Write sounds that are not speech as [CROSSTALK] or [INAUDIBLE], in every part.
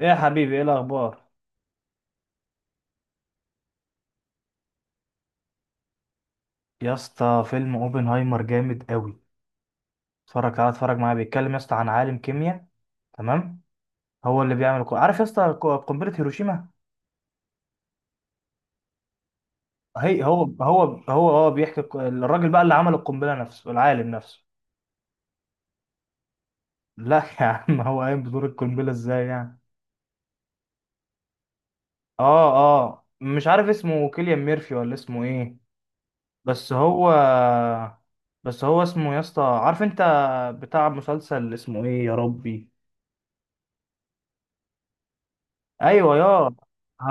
ايه يا حبيبي، ايه الاخبار؟ يا اسطى فيلم اوبنهايمر جامد قوي. اتفرج، تعالى اتفرج معايا، بيتكلم يا اسطى عن عالم كيمياء. تمام. هو اللي بيعمل عارف يا اسطى قنبله هيروشيما. هي هو هو هو هو بيحكي الراجل بقى اللي عمل القنبله نفسه، العالم نفسه. لا [LAUGHS] يا عم، هو قايم بدور القنبله ازاي يعني؟ اه. اه مش عارف اسمه كيليان ميرفي ولا اسمه ايه، بس هو بس هو اسمه يا اسطى، عارف انت، بتاع مسلسل اسمه ايه يا ربي؟ ايوه يا،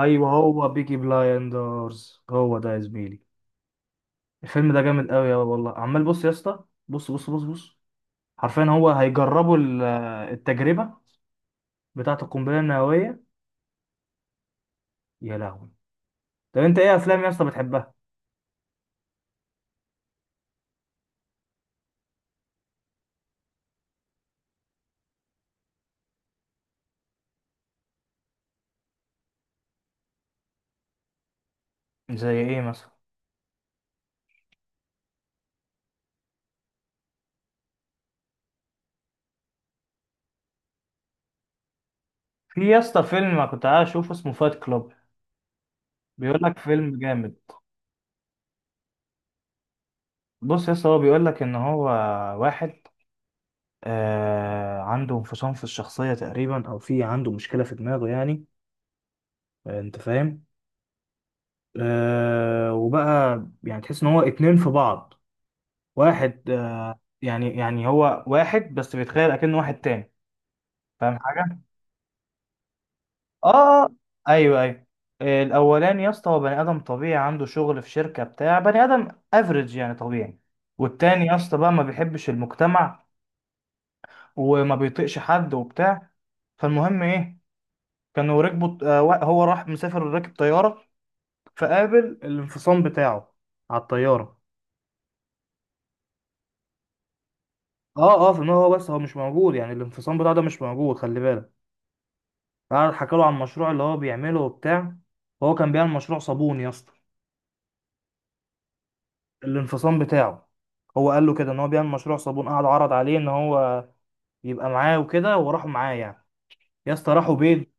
ايوه هو بيكي بلايندرز، هو ده يا زميلي. الفيلم ده جامد قوي يا والله. عمال بص يا اسطى، بص بص بص بص، حرفيا هو هيجربوا التجربه بتاعه القنبله النوويه. يا لهوي. طب انت ايه افلام يا اسطى بتحبها؟ زي ايه مثلا؟ في يا اسطى فيلم أنا كنت قاعد اشوفه، اسمه فايت كلاب، بيقول لك فيلم جامد. بص يا اسطى، هو بيقول لك ان هو واحد، عنده انفصام في الشخصيه تقريبا، او في عنده مشكله في دماغه يعني. انت فاهم. آه وبقى يعني تحس ان هو اتنين في بعض، واحد آه. يعني، يعني هو واحد بس بيتخيل اكنه واحد تاني، فاهم حاجه. اه. آه، ايوه ايوه. الاولاني يا اسطى هو بني ادم طبيعي، عنده شغل في شركه بتاع بني ادم افريج يعني، طبيعي. والتاني يا اسطى بقى ما بيحبش المجتمع وما بيطيقش حد وبتاع. فالمهم ايه، كانوا ركبوا هو راح مسافر راكب طياره، فقابل الانفصام بتاعه على الطياره. اه اه، في دماغه هو بس، هو مش موجود يعني، الانفصام بتاعه ده مش موجود، خلي بالك. قعد حكى له عن المشروع اللي هو بيعمله وبتاع، هو كان بيعمل مشروع صابون يا اسطى. الانفصام بتاعه هو قال له كده ان هو بيعمل مشروع صابون، قعد عرض عليه ان هو يبقى معاه وكده، وراحوا معاه يعني، يا اسطى راحوا بيت.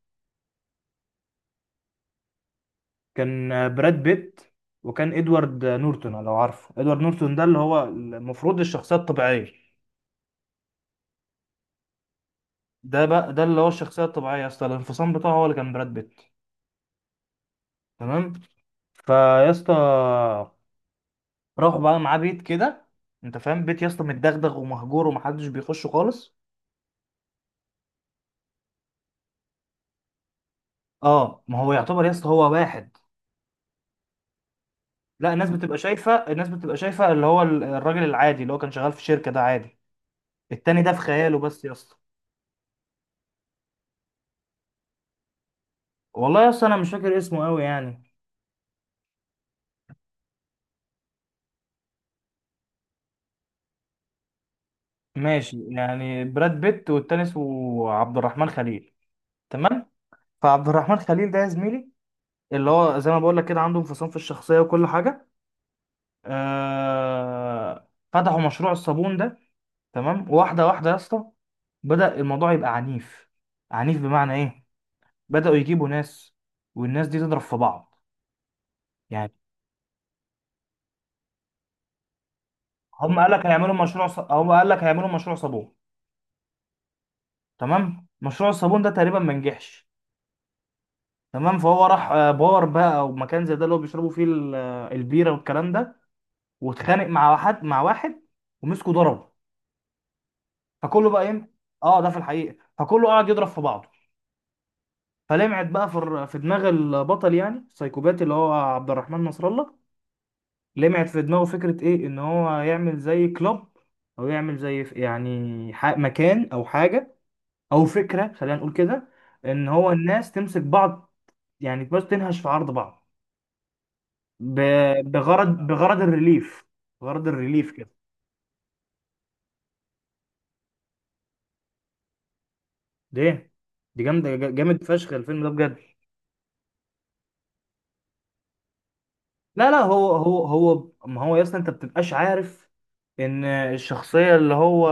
كان براد بيت، وكان ادوارد نورتون، لو عارفه ادوارد نورتون ده اللي هو المفروض الشخصيه الطبيعيه. ده بقى، ده اللي هو الشخصيه الطبيعيه يا اسطى، الانفصام بتاعه هو اللي كان براد بيت. تمام. فيا اسطى، راح بقى معاه بيت كده، انت فاهم بيت يا اسطى متدغدغ ومهجور ومحدش بيخشه خالص. اه، ما هو يعتبر يا اسطى هو واحد. لا الناس بتبقى شايفه، الناس بتبقى شايفه اللي هو الراجل العادي اللي هو كان شغال في شركه ده، عادي. التاني ده في خياله بس يا اسطى. والله يا اسطى انا مش فاكر اسمه قوي يعني. ماشي يعني براد بيت، والتاني اسمه عبد الرحمن خليل. تمام. فعبد الرحمن خليل ده يا زميلي اللي هو زي ما بقول لك كده، عنده انفصام في الشخصيه وكل حاجه. فتحوا مشروع الصابون ده. تمام واحده واحده يا اسطى، بدأ الموضوع يبقى عنيف. عنيف بمعنى ايه؟ بدأوا يجيبوا ناس، والناس دي تضرب في بعض يعني. هم قال لك هم قال لك هيعملوا مشروع صابون. تمام، مشروع الصابون ده تقريبا ما نجحش. تمام، فهو راح بار بقى او مكان زي ده اللي هو بيشربوا فيه البيره والكلام ده، واتخانق مع واحد، مع واحد، ومسكه ضربه. فكله بقى ايه؟ اه ده في الحقيقه، فكله قعد يضرب في بعضه. فلمعت بقى في في دماغ البطل يعني السايكوباتي اللي هو عبد الرحمن نصر الله، لمعت في دماغه فكرة ايه، ان هو يعمل زي كلاب او يعمل زي يعني مكان او حاجة، او فكرة خلينا نقول كده، ان هو الناس تمسك بعض يعني، بس تنهش في عرض بعض بغرض، بغرض الريليف، غرض الريليف كده. ده دي جامدة جا- جامد فشخ الفيلم ده بجد. لا لا، هو ما هو يا اسطى انت بتبقاش عارف ان الشخصيه اللي هو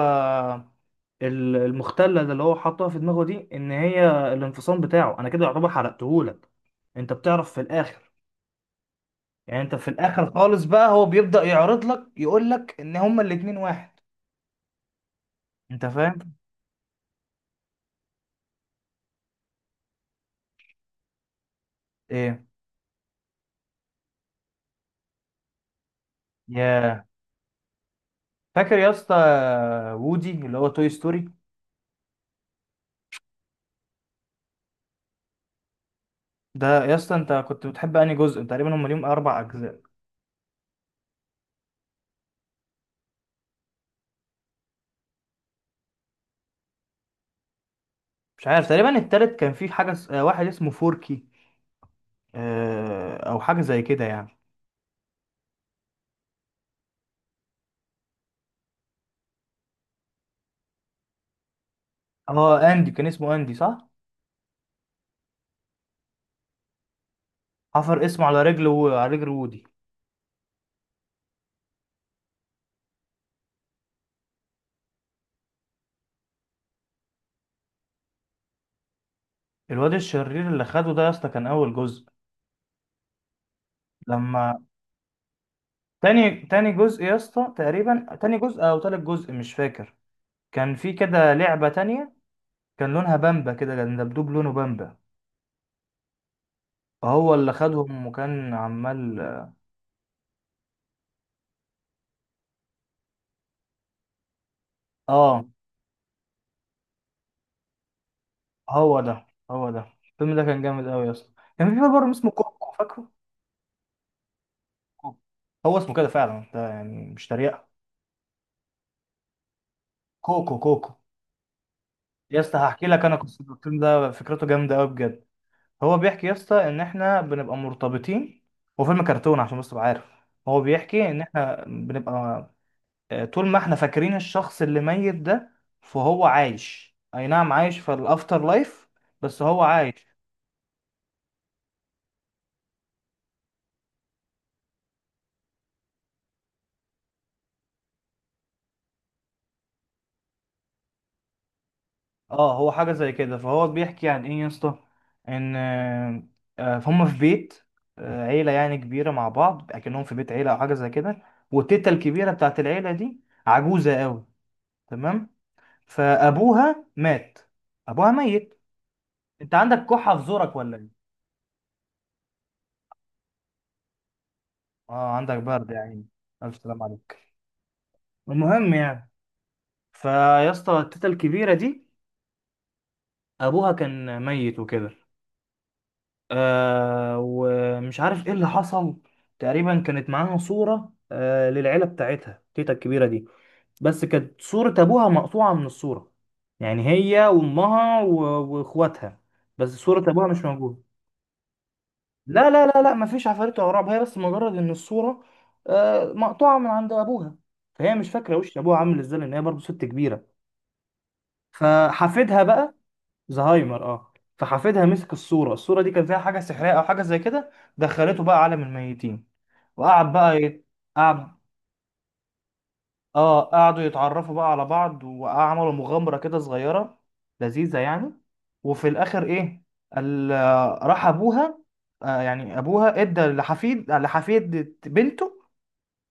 المختله ده اللي هو حاطها في دماغه دي، ان هي الانفصام بتاعه، انا كده يعتبر حرقتهولك، انت بتعرف في الاخر يعني، انت في الاخر خالص بقى هو بيبدا يعرض لك، يقول لك ان هما الاتنين واحد، انت فاهم. ايه يا، فاكر يا اسطى وودي اللي هو توي ستوري؟ ده يا اسطى انت كنت بتحب انهي جزء؟ تقريبا هم ليهم اربع اجزاء. مش عارف، تقريبا التالت كان في حاجة واحد اسمه فوركي، أو حاجة زي كده يعني. اه أندي، كان اسمه أندي صح؟ حفر اسمه على رجله، وعلى رجل وودي. الواد الشرير اللي خده ده يا اسطى كان أول جزء. لما تاني جزء يا اسطى، تقريبا تاني جزء أو تالت جزء مش فاكر، كان في كده لعبة تانية، كان لونها بامبا كده، كان دبدوب لونه بامبا، هو اللي خدهم وكان عمال. اه هو ده، هو ده. الفيلم ده كان جامد أوي يا اسطى. كان في بقى برضه اسمه كوكو، فاكره؟ كوكو. هو اسمه كده فعلا ده يعني مش تريقه. كوكو كوكو. يا اسطى هحكي لك انا قصه الفيلم ده، فكرته جامده قوي بجد. هو بيحكي يا اسطى ان احنا بنبقى مرتبطين، هو فيلم كرتون عشان بس تبقى عارف. هو بيحكي ان احنا بنبقى، طول ما احنا فاكرين الشخص اللي ميت ده، فهو عايش، اي نعم عايش في الافتر لايف، بس هو عايش. اه هو حاجة زي كده. فهو بيحكي عن ايه يا اسطى، ان هم في بيت، عيلة يعني كبيرة مع بعض، اكنهم في بيت عيلة او حاجة زي كده. والتيتا الكبيرة بتاعت العيلة دي عجوزة قوي، تمام. فابوها مات، ابوها ميت. انت عندك كحة في زورك ولا ايه؟ اه عندك برد يعني، الف سلام عليك. المهم يعني، فيا اسطى التيتا الكبيرة دي ابوها كان ميت وكده، آه ومش عارف ايه اللي حصل. تقريبا كانت معاها صورة آه للعيلة بتاعتها تيتا الكبيرة دي، بس كانت صورة ابوها مقطوعة من الصورة، يعني هي وامها واخواتها، بس صورة ابوها مش موجودة. لا لا لا لا، مفيش عفاريت ولا رعب، هي بس مجرد ان الصورة آه مقطوعة من عند ابوها، فهي مش فاكرة وش ابوها عامل ازاي لان هي برضه ست كبيرة. فحفيدها بقى، زهايمر اه، فحفيدها مسك الصورة، الصورة دي كان فيها حاجة سحرية أو حاجة زي كده، دخلته بقى عالم الميتين، وقعد بقى قعد اه، قعدوا يتعرفوا بقى على بعض، وعملوا مغامرة كده صغيرة لذيذة يعني. وفي الآخر إيه، ال... راح أبوها، آه يعني أبوها إدى لحفيد بنته،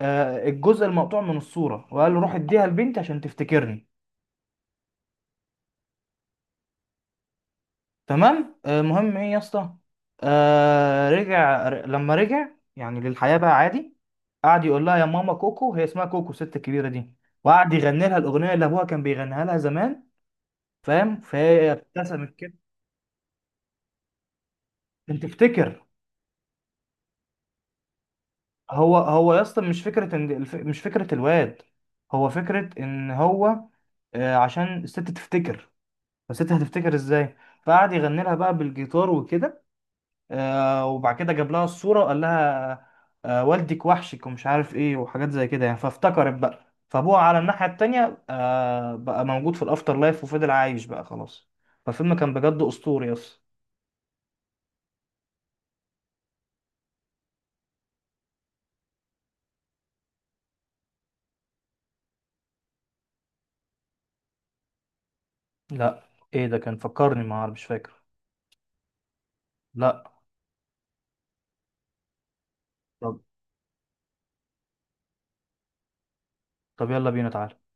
آه الجزء المقطوع من الصورة، وقال له روح إديها لبنتي عشان تفتكرني. تمام، المهم ايه يا اسطى، لما رجع يعني للحياة بقى عادي، قعد يقول لها يا ماما كوكو، هي اسمها كوكو الست الكبيرة دي، وقعد يغني لها الأغنية اللي أبوها كان بيغنيها لها زمان، فاهم، فهي ابتسمت كده. أنت تفتكر، هو يا اسطى مش مش فكرة الواد، هو فكرة إن هو آه عشان الست تفتكر، فالست هتفتكر إزاي، فقعد يغني لها بقى بالجيتار وكده، وبعد كده جاب لها الصورة وقال لها، والدك وحشك ومش عارف ايه وحاجات زي كده يعني، فافتكرت بقى. فابوها على الناحية التانية بقى موجود في الافتر لايف، وفضل عايش بقى خلاص. فالفيلم كان بجد اسطوري اصلا. لا ايه ده، كان فكرني، ما عارف مش فاكر. لا. طب، طب يلا بينا تعالى.